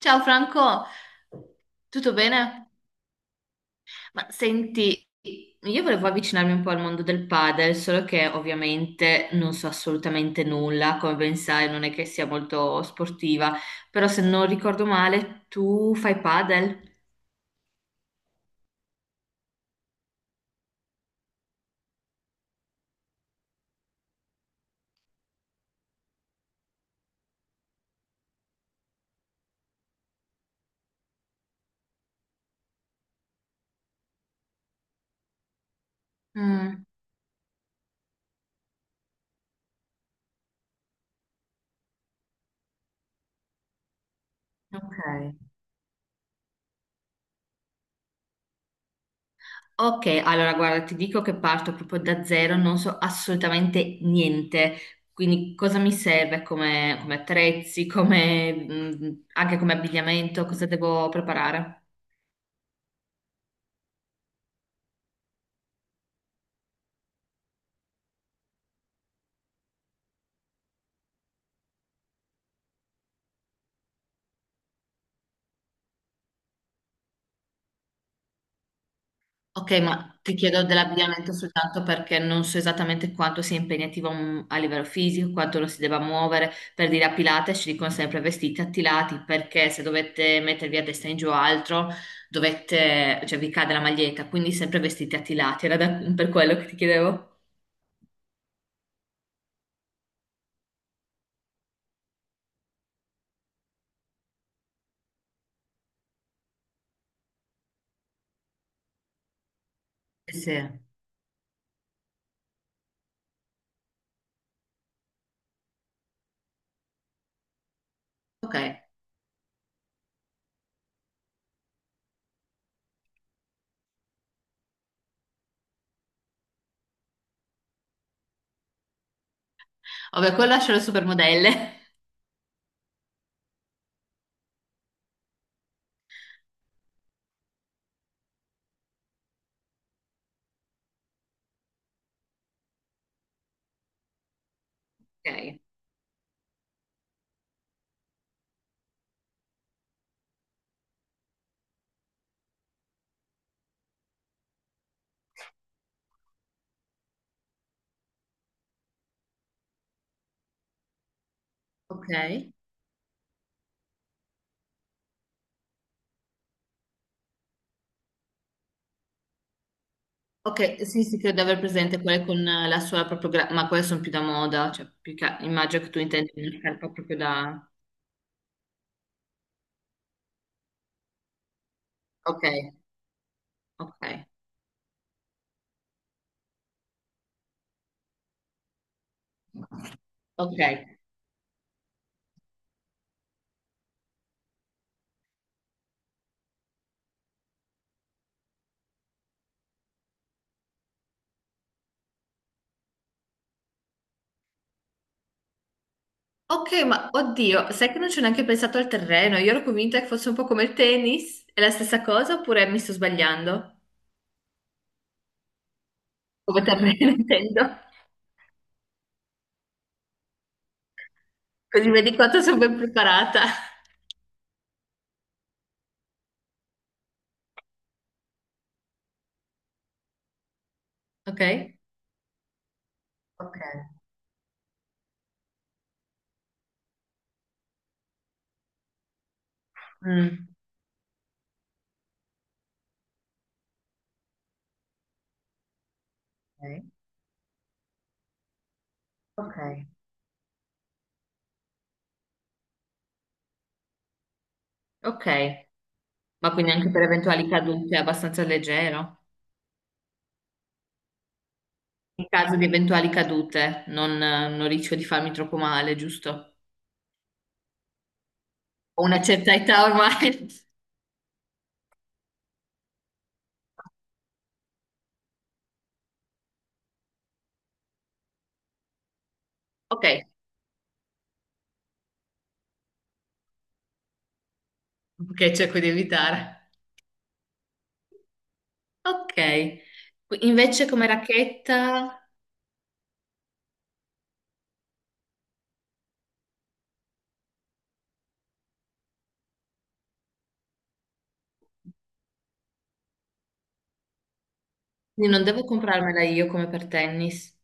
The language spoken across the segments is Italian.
Ciao Franco, tutto bene? Ma senti, io volevo avvicinarmi un po' al mondo del padel, solo che ovviamente non so assolutamente nulla, come ben sai, non è che sia molto sportiva, però se non ricordo male, tu fai padel? Mm, ok. Ok, allora guarda, ti dico che parto proprio da zero, non so assolutamente niente, quindi cosa mi serve come, come attrezzi, come, anche come abbigliamento, cosa devo preparare? Ok, ma ti chiedo dell'abbigliamento soltanto perché non so esattamente quanto sia impegnativo a livello fisico, quanto lo si debba muovere. Per dire a Pilates ci dicono sempre vestiti attilati perché se dovete mettervi a destra in giù o altro, dovete, cioè vi cade la maglietta, quindi sempre vestiti attilati. Per quello che ti chiedevo. Sì. Ok. Vabbè, quello lascio alle supermodelle. Ok. Ok. Ok, sì, sì, credo di aver presente quelle con la sola proprio, ma quelle sono più da moda, immagino che tu intendi una scarpa proprio da... Ok, ok, ok. Ok, ma oddio, sai che non ci ho neanche pensato al terreno, io ero convinta che fosse un po' come il tennis, è la stessa cosa oppure mi sto sbagliando? Come terreno intendo, così vedi quanto sono ben preparata. Ok? Ok. Mm. Ok. Ok. Ok, ma quindi anche per eventuali cadute è abbastanza leggero. In caso di eventuali cadute, non rischio di farmi troppo male, giusto? Ho una certa età ormai. Ok, ok, cerco di evitare. Ok. Invece come racchetta, quindi non devo comprarmela io come per tennis.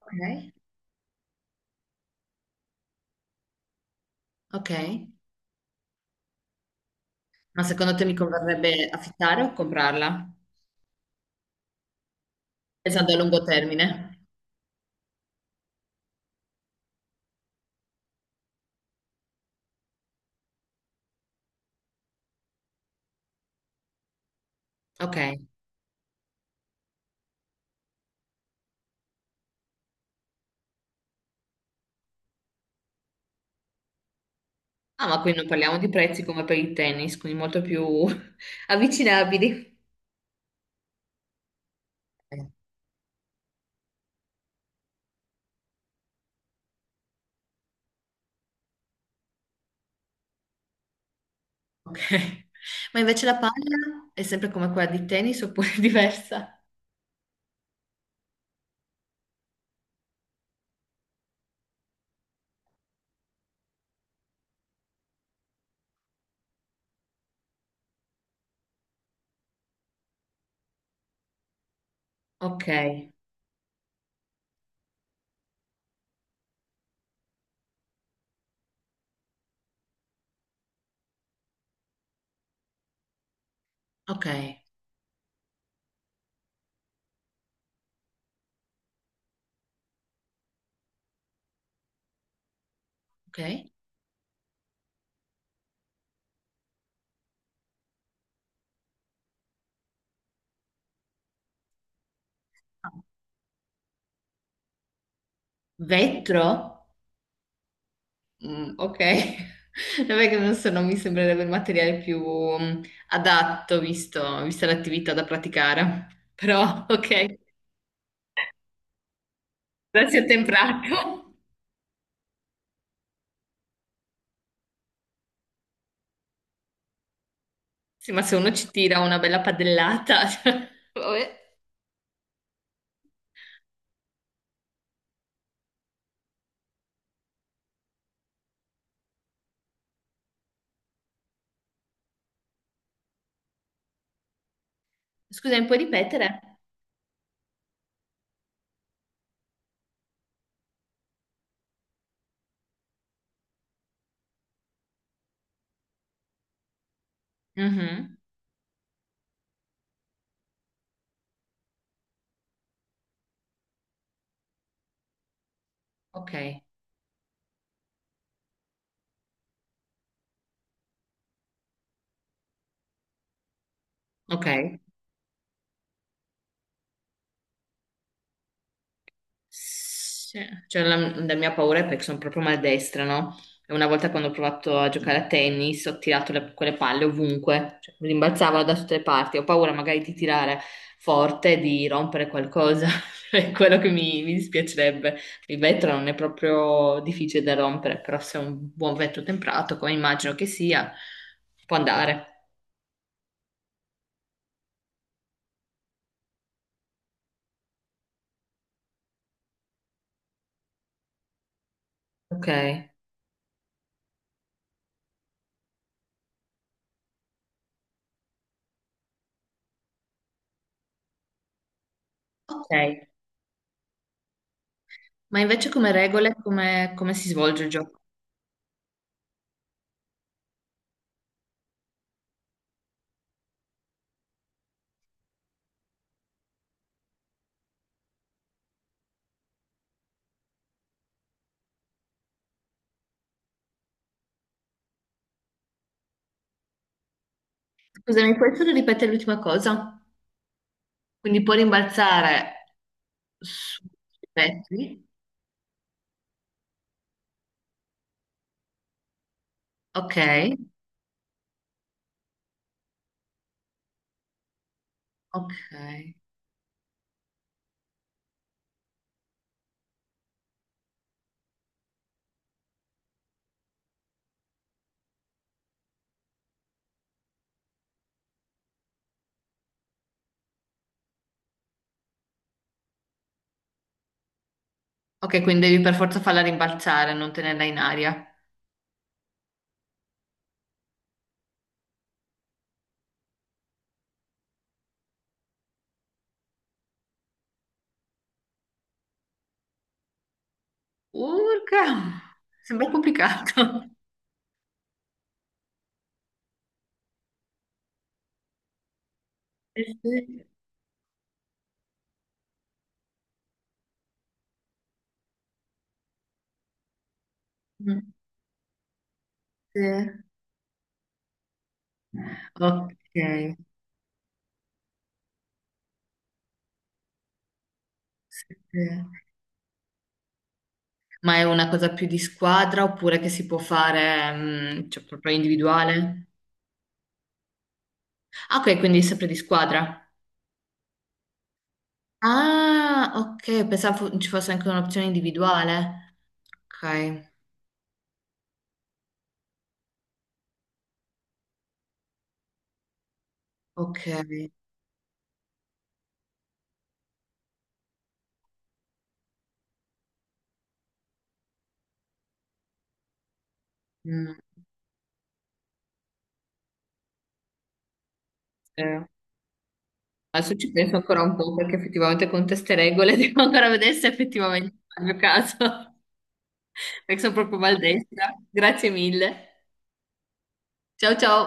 Ok, ok. Ma secondo te mi converrebbe affittare o comprarla? Pensando a lungo termine. Ok. Ah, ma qui non parliamo di prezzi come per il tennis, quindi molto più avvicinabili. Ok. Ma invece la palla è sempre come quella di tennis oppure è diversa? Ok, ok, ok. Vetro? Mm, ok. Non è che non so, non mi sembrerebbe il materiale più adatto visto, vista l'attività da praticare. Però, ok, grazie a temprato. Sì, ma se uno ci tira una bella padellata, cioè, vabbè. Scusa, mi puoi ripetere? Mhm. Ok, ok. Sì, cioè, la mia paura è perché sono proprio maldestra, no? E una volta quando ho provato a giocare a tennis ho tirato quelle palle ovunque, cioè, mi rimbalzavano da tutte le parti. Ho paura magari di tirare forte, e di rompere qualcosa, è quello che mi dispiacerebbe. Il vetro non è proprio difficile da rompere, però se è un buon vetro temperato, come immagino che sia, può andare. Ok. Ok. Ma invece come regole, come, come si svolge il gioco? Scusa, mi puoi solo ripetere l'ultima cosa? Quindi può rimbalzare sui vetri. Ok, ok. Ok, quindi devi per forza farla rimbalzare, non tenerla in aria. Urca! Sembra complicato. Eh sì. Mm, sì. Ok. Sì, sì. Ma è una cosa più di squadra oppure che si può fare, mm, cioè proprio individuale? Ah, ok, quindi è sempre di squadra. Ah, ok, pensavo ci fosse anche un'opzione individuale. Ok, ok. Mm, eh. Adesso ci penso ancora un po' perché effettivamente con queste regole devo ancora vedere se effettivamente fa il mio caso, perché sono proprio maldestra. Grazie mille. Ciao ciao.